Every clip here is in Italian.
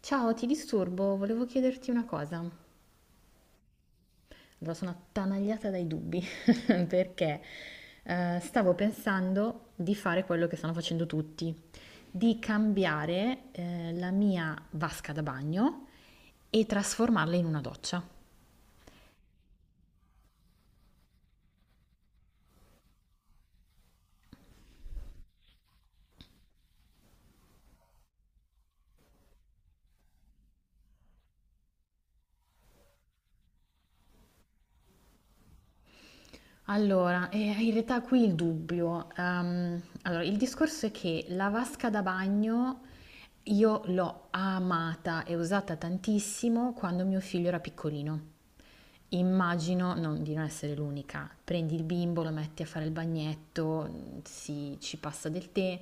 Ciao, ti disturbo, volevo chiederti una cosa. Allora, sono attanagliata dai dubbi perché stavo pensando di fare quello che stanno facendo tutti, di cambiare la mia vasca da bagno e trasformarla in una doccia. Allora, in realtà qui il dubbio. Allora, il discorso è che la vasca da bagno io l'ho amata e usata tantissimo quando mio figlio era piccolino. Immagino di non essere l'unica. Prendi il bimbo, lo metti a fare il bagnetto, si, ci passa del tè.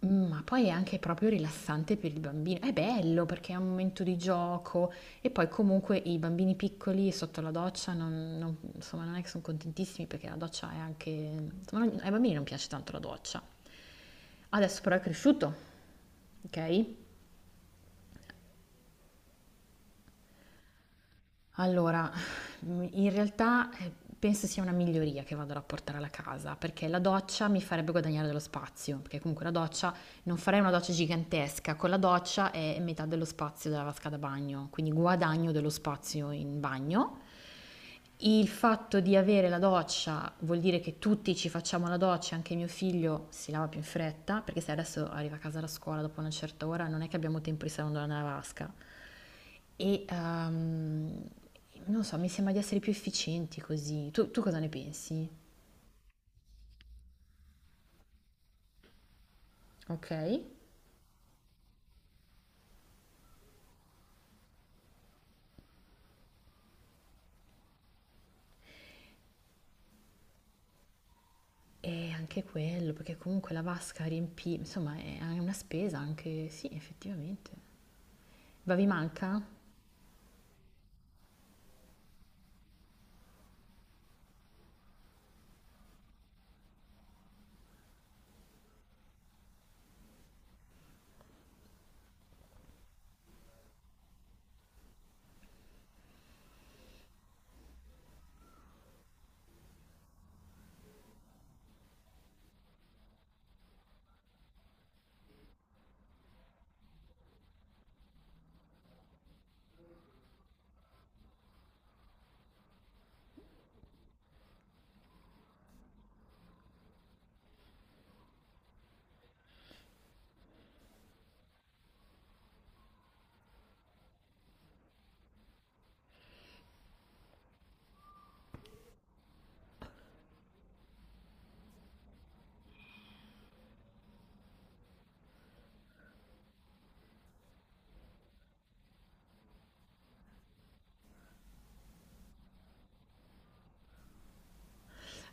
Ma poi è anche proprio rilassante per il bambino. È bello perché è un momento di gioco e poi comunque i bambini piccoli sotto la doccia non insomma, non è che son contentissimi perché la doccia è anche insomma, ai bambini non piace tanto la doccia. Adesso però è cresciuto, okay? Allora, in realtà, penso sia una miglioria che vado a rapportare alla casa, perché la doccia mi farebbe guadagnare dello spazio, perché comunque la doccia non farei una doccia gigantesca, con la doccia è metà dello spazio della vasca da bagno, quindi guadagno dello spazio in bagno. Il fatto di avere la doccia vuol dire che tutti ci facciamo la doccia, anche mio figlio si lava più in fretta, perché se adesso arriva a casa da scuola dopo una certa ora non è che abbiamo tempo di stare andando nella vasca. E non so, mi sembra di essere più efficienti così. Tu cosa ne pensi? Ok. E anche quello, perché comunque la vasca riempì, insomma, è una spesa anche, sì, effettivamente. Ma vi manca?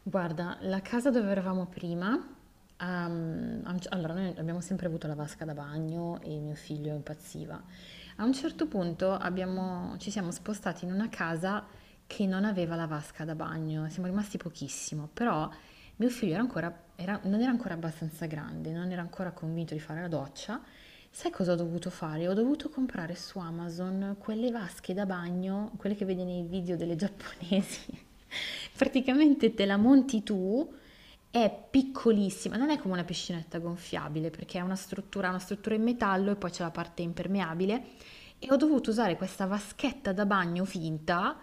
Guarda, la casa dove eravamo prima, allora noi abbiamo sempre avuto la vasca da bagno e mio figlio impazziva. A un certo punto ci siamo spostati in una casa che non aveva la vasca da bagno, siamo rimasti pochissimo, però mio figlio non era ancora abbastanza grande, non era ancora convinto di fare la doccia. Sai cosa ho dovuto fare? Ho dovuto comprare su Amazon quelle vasche da bagno, quelle che vedi nei video delle giapponesi. Praticamente te la monti tu, è piccolissima, non è come una piscinetta gonfiabile perché è una struttura, ha una struttura in metallo e poi c'è la parte impermeabile e ho dovuto usare questa vaschetta da bagno finta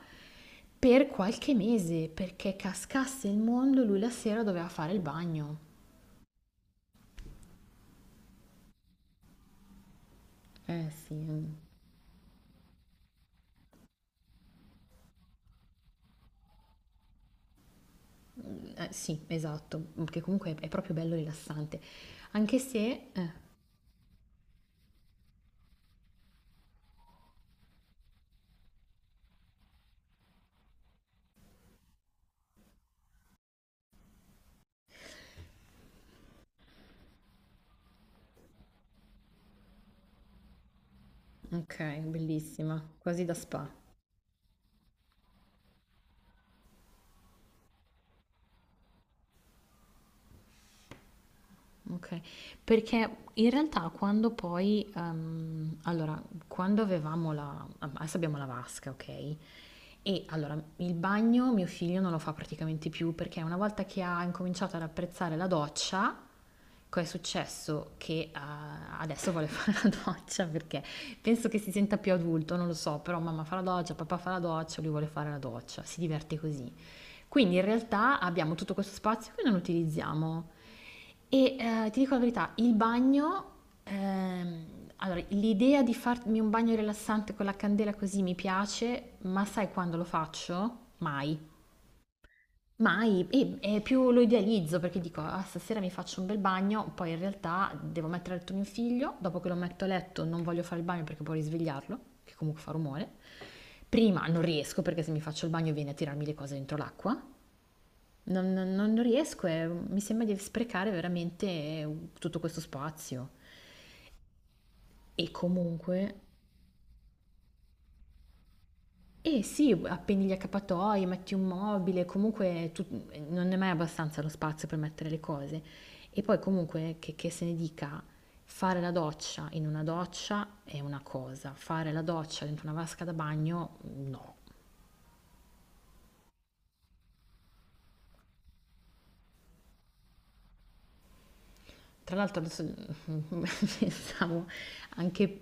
per qualche mese perché cascasse il mondo, lui la sera doveva fare il bagno. Eh sì. Sì, esatto, che comunque è proprio bello rilassante, anche se... ok, bellissima, quasi da spa. Okay. Perché in realtà quando poi quando avevamo la adesso abbiamo la vasca, okay, e allora il bagno mio figlio non lo fa praticamente più perché una volta che ha incominciato ad apprezzare la doccia, cosa è successo? Che adesso vuole fare la doccia perché penso che si senta più adulto, non lo so, però mamma fa la doccia, papà fa la doccia, lui vuole fare la doccia, si diverte così. Quindi in realtà abbiamo tutto questo spazio che non utilizziamo. E ti dico la verità, il bagno, ehm, allora l'idea di farmi un bagno rilassante con la candela così mi piace, ma sai quando lo faccio? Mai. Mai, e più lo idealizzo perché dico, ah, stasera mi faccio un bel bagno, poi in realtà devo mettere a letto mio figlio, dopo che lo metto a letto non voglio fare il bagno perché può risvegliarlo, che comunque fa rumore. Prima non riesco perché se mi faccio il bagno viene a tirarmi le cose dentro l'acqua. Non riesco, mi sembra di sprecare veramente tutto questo spazio. E comunque, eh sì, appendi gli accappatoi, metti un mobile, comunque non è mai abbastanza lo spazio per mettere le cose. E poi comunque, che se ne dica, fare la doccia in una doccia è una cosa, fare la doccia dentro una vasca da bagno, no. Tra l'altro adesso pensavo anche.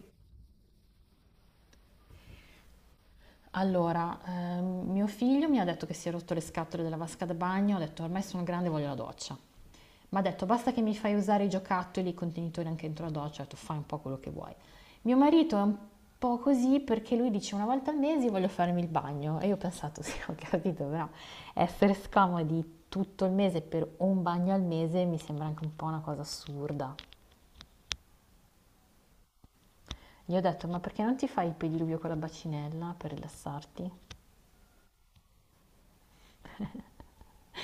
Allora, mio figlio mi ha detto che si è rotto le scatole della vasca da bagno, ho detto ormai sono grande, voglio la doccia. Mi ha detto basta che mi fai usare i giocattoli, i contenitori anche dentro la doccia, ho detto fai un po' quello che vuoi. Mio marito è un po' così perché lui dice una volta al mese voglio farmi il bagno e io ho pensato sì, ho capito, però essere scomodi tutto il mese per un bagno al mese mi sembra anche un po' una cosa assurda. Gli ho detto ma perché non ti fai il pediluvio con la bacinella per rilassarti?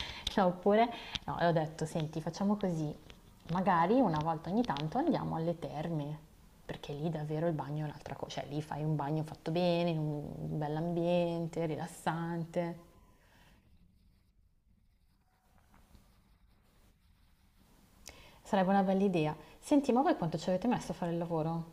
No, oppure, no, e ho detto, senti, facciamo così, magari una volta ogni tanto andiamo alle terme, perché lì davvero il bagno è un'altra cosa, cioè lì fai un bagno fatto bene, in un bell'ambiente, rilassante. Sarebbe una bella idea. Senti, ma voi quanto ci avete messo a fare il lavoro?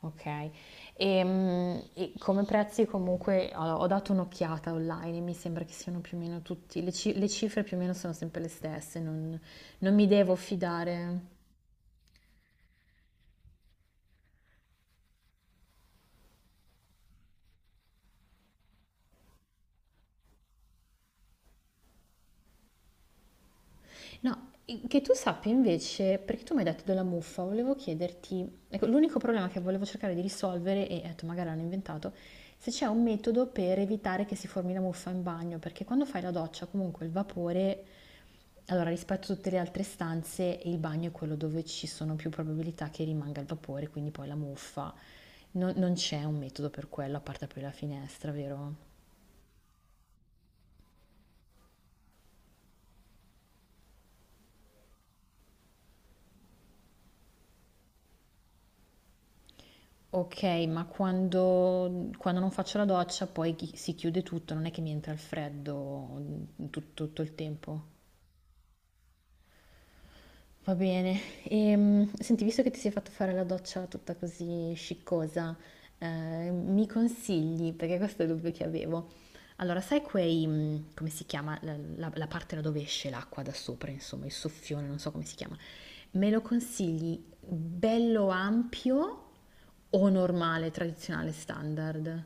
Ok. E, e come prezzi comunque ho dato un'occhiata online e mi sembra che siano più o meno tutti, le cifre più o meno sono sempre le stesse, non mi devo fidare. No, che tu sappia invece, perché tu mi hai detto della muffa, volevo chiederti, ecco, l'unico problema che volevo cercare di risolvere, e ho detto magari l'hanno inventato, se c'è un metodo per evitare che si formi la muffa in bagno, perché quando fai la doccia comunque il vapore, allora rispetto a tutte le altre stanze, il bagno è quello dove ci sono più probabilità che rimanga il vapore, quindi poi la muffa. Non c'è un metodo per quello, a parte aprire la finestra, vero? Ok, ma quando non faccio la doccia poi si chiude tutto, non è che mi entra il freddo tutto il tempo. Va bene. Senti, visto che ti sei fatto fare la doccia tutta così sciccosa, mi consigli, perché questo è il dubbio che avevo. Allora, sai quei, mm, come si chiama, la parte da dove esce l'acqua da sopra, insomma, il soffione, non so come si chiama. Me lo consigli bello ampio o normale, tradizionale, standard?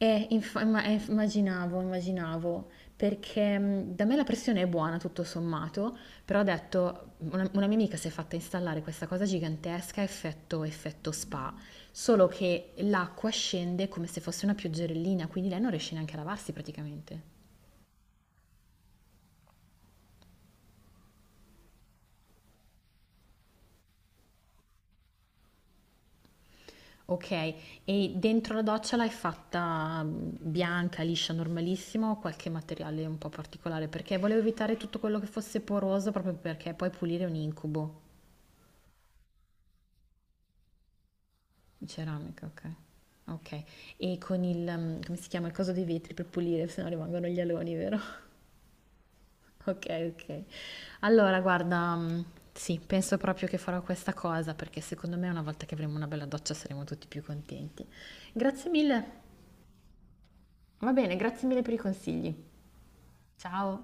Eh, immaginavo, immaginavo, perché da me la pressione è buona tutto sommato, però ho detto, una mia amica si è fatta installare questa cosa gigantesca, effetto spa, solo che l'acqua scende come se fosse una pioggerellina, quindi lei non riesce neanche a lavarsi praticamente. Ok, e dentro la doccia l'hai fatta bianca, liscia, normalissimo, qualche materiale un po' particolare, perché volevo evitare tutto quello che fosse poroso, proprio perché poi pulire è un incubo. Ceramica, okay. Okay. E con il mhmm, come si chiama, il coso dei vetri per pulire, se no rimangono gli aloni, vero? Okay, okay. Allora guarda, mhmm, sì, penso proprio che farò questa cosa, perché secondo me una volta che avremo una bella doccia saremo tutti più contenti. Grazie mille. Va bene, grazie mille per i consigli. Ciao.